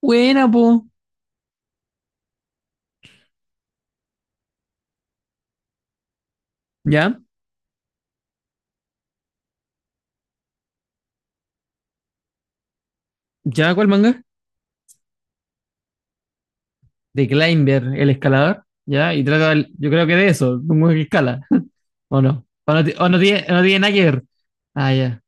Buena, po. ¿Ya? ¿Ya cuál manga? De Climber, el escalador. ¿Ya? Y trata, yo creo que de eso, de un weón que escala, ¿o no? ¿O no, o no tiene, no tiene nada que ver? Ah, ya.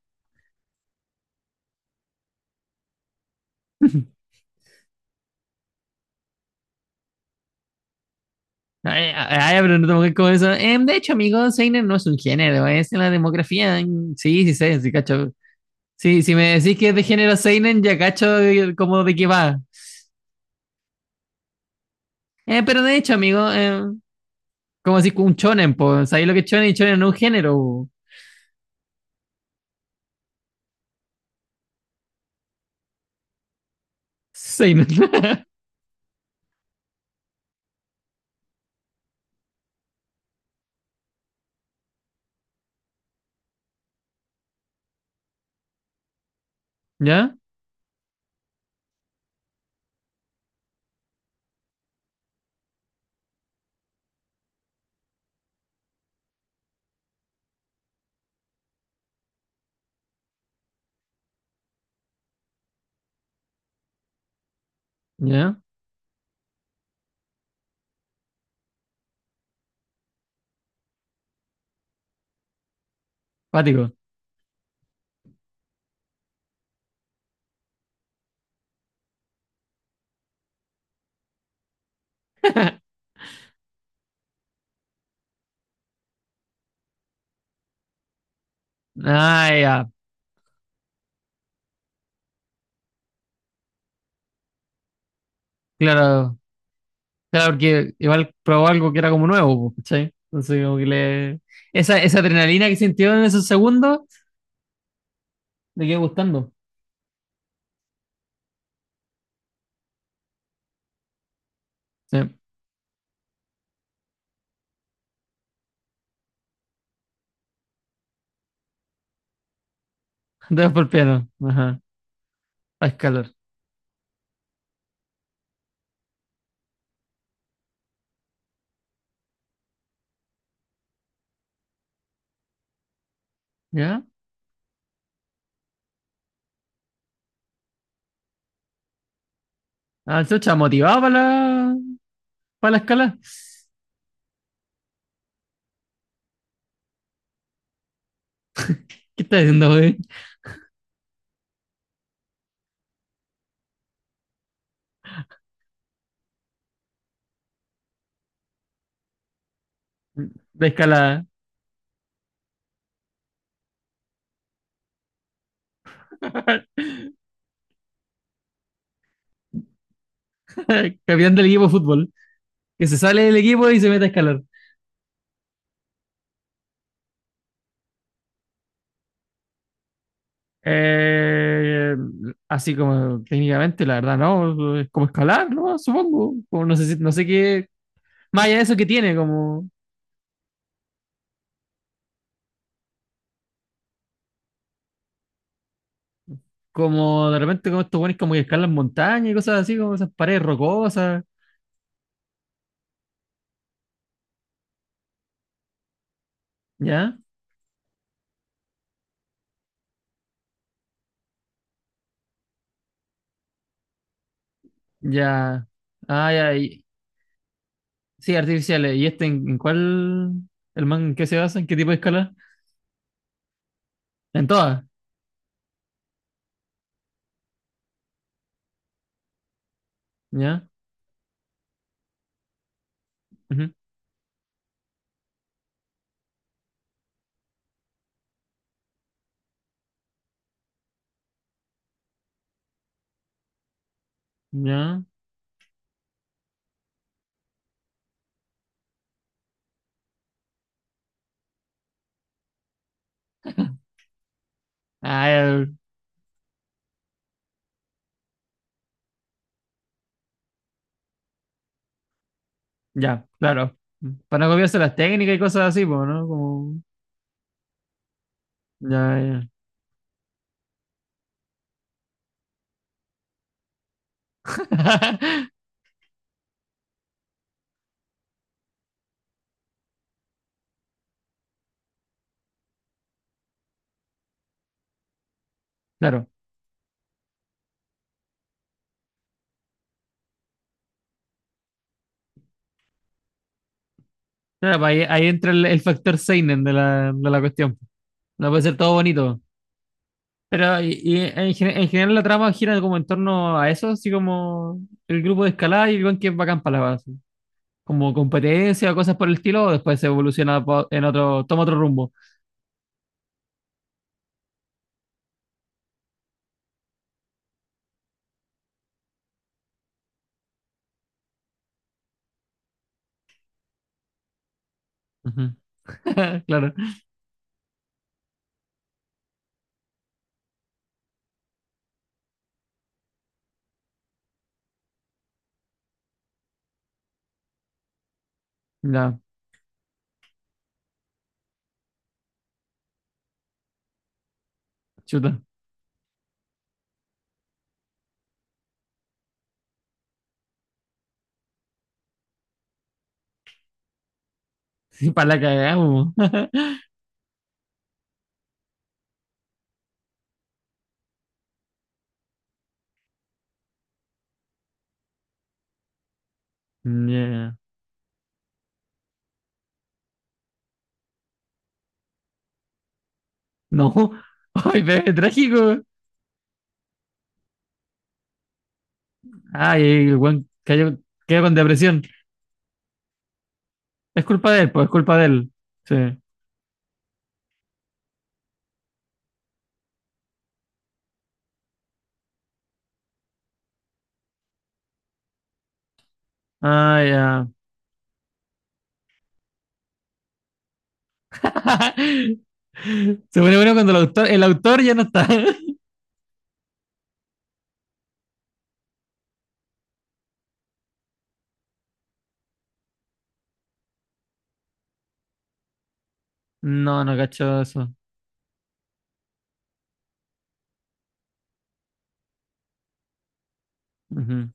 Ah, ya, ah, ya, pero no tengo que ver con eso. De hecho, amigo, Seinen no es un género, es en la demografía. Mm, sí, sí sé, sí cacho. Sí, si me decís que es de género Seinen, ya cacho como de qué va. Pero de hecho, amigo, como así un shonen, pues, ¿sabéis lo que es shonen? Shonen no es un género. Po. Seinen. ¿Ya? ¿Ya? Pático. Ah, ya, claro, claro, porque igual probó algo que era como nuevo, po, ¿cachai? Entonces, como que le. Esa adrenalina que sintió en esos segundos, le quedó gustando. Sí, dos por piano, ajá, a escalar, ¿ya? Ah, chucha, motivado para la escala. ¿Qué estás diciendo, güey? De escalada. Campeón del equipo de fútbol, que se sale del equipo y se mete a escalar. Eh, Así como técnicamente, la verdad, no, es como escalar, ¿no? Supongo. Como no sé, no sé qué más allá de eso que tiene, como, como de repente como estos buenos como que escalan montañas y cosas así, como esas paredes rocosas, ¿ya? Ya. Ah, ya. Y sí, artificiales. ¿Y este en cuál? ¿El man en qué se basa? ¿En qué tipo de escala? En todas, ¿ya? Ujú, ¿ya? Ah, ya, claro. Para no copiarse las técnicas y cosas así, pues, ¿no? Como, ya, ya. Claro. Claro, pues ahí, ahí entra el factor seinen de la cuestión. No puede ser todo bonito. Pero y en, en general la trama gira como en torno a eso, así como el grupo de escalada y el weón que es bacán para la base. Como competencia o cosas por el estilo, o después se evoluciona en otro, toma otro rumbo. Ujú. Claro, ya, chuta. Sí, para la cagamos. Yeah. No, ay, pero es trágico. Ay, el weón cayó, quedó con depresión. Es culpa de él, pues es culpa de él. Sí. Ah, ya. Se pone bueno cuando el autor ya no está. No, no cacho eso. Ujú.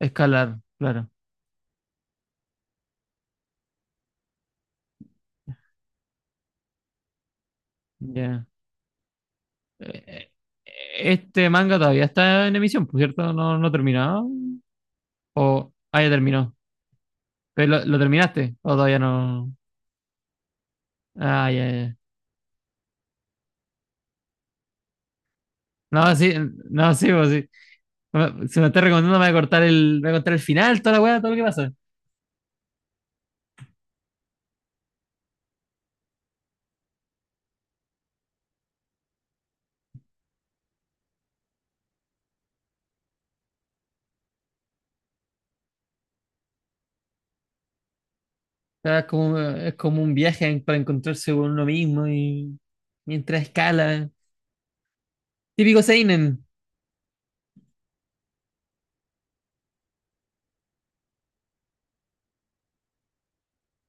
Escalar, claro. Ya. Eh, eh, este manga todavía está en emisión, por cierto, no, no ha terminado. O, ah, ya terminó. ¿Pero lo terminaste? ¿O todavía no? Ah, ya, ya. No, sí, no, sí, pues sí. No, si me estás recomendando, me voy a cortar el, me voy a cortar el final, toda la weá, todo lo que pasa. O sea, es como un viaje para encontrarse con uno mismo y mientras escala. Típico Seinen.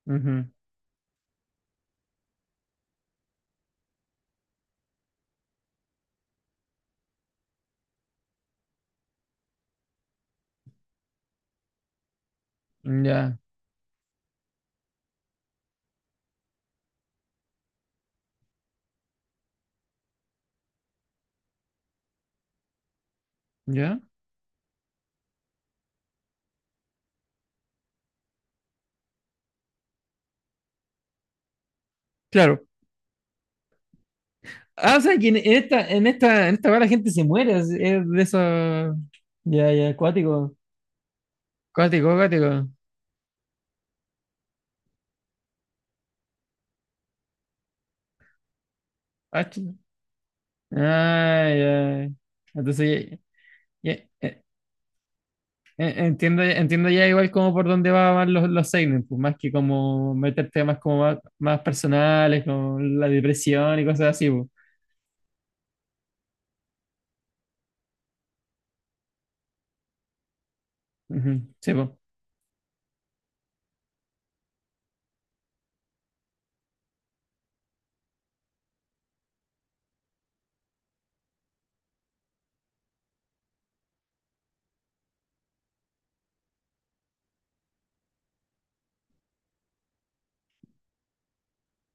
Ujú. Ya, ya. Claro. Ah, o sea, que en esta, en esta, en esta weá la gente se muere, es de eso. Ya, ya, acuático. Acuático, acuático. Ah, ah, ya. Entonces, ya, ya, entiendo, entiendo ya igual como por dónde van los seinen, pues más que como meter temas como más, más personales, como la depresión y cosas así, pues. Ujú, sí, pues.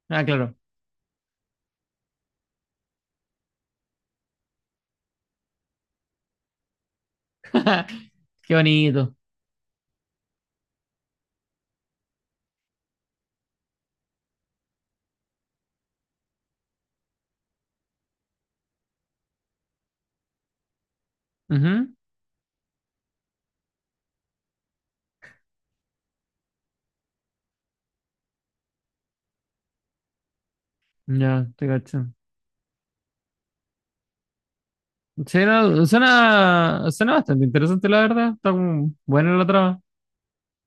Ah, claro. Qué bonito. Ujú, ya, te cacho. Sí, no, suena, suena bastante interesante, la verdad. Está como buena la trama.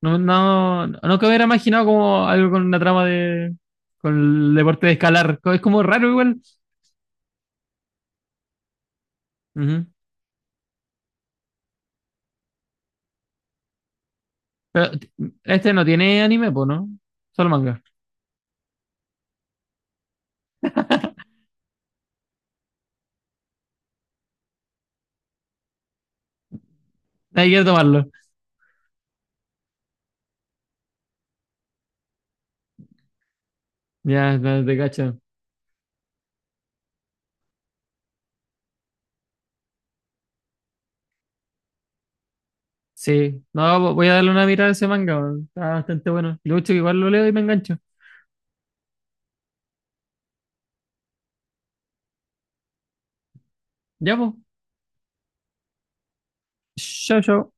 No, no, no que hubiera imaginado como algo con una trama de, con el deporte de escalar. Es como raro igual. Ujú. Pero este no tiene anime, pues, ¿no? Solo manga. Hay que tomarlo. Ya, no, te cacho. Sí. No, voy a darle una mirada a ese manga, weón. Está bastante bueno. Lucho, igual lo leo y me engancho. Ya, pues. Chao, chao.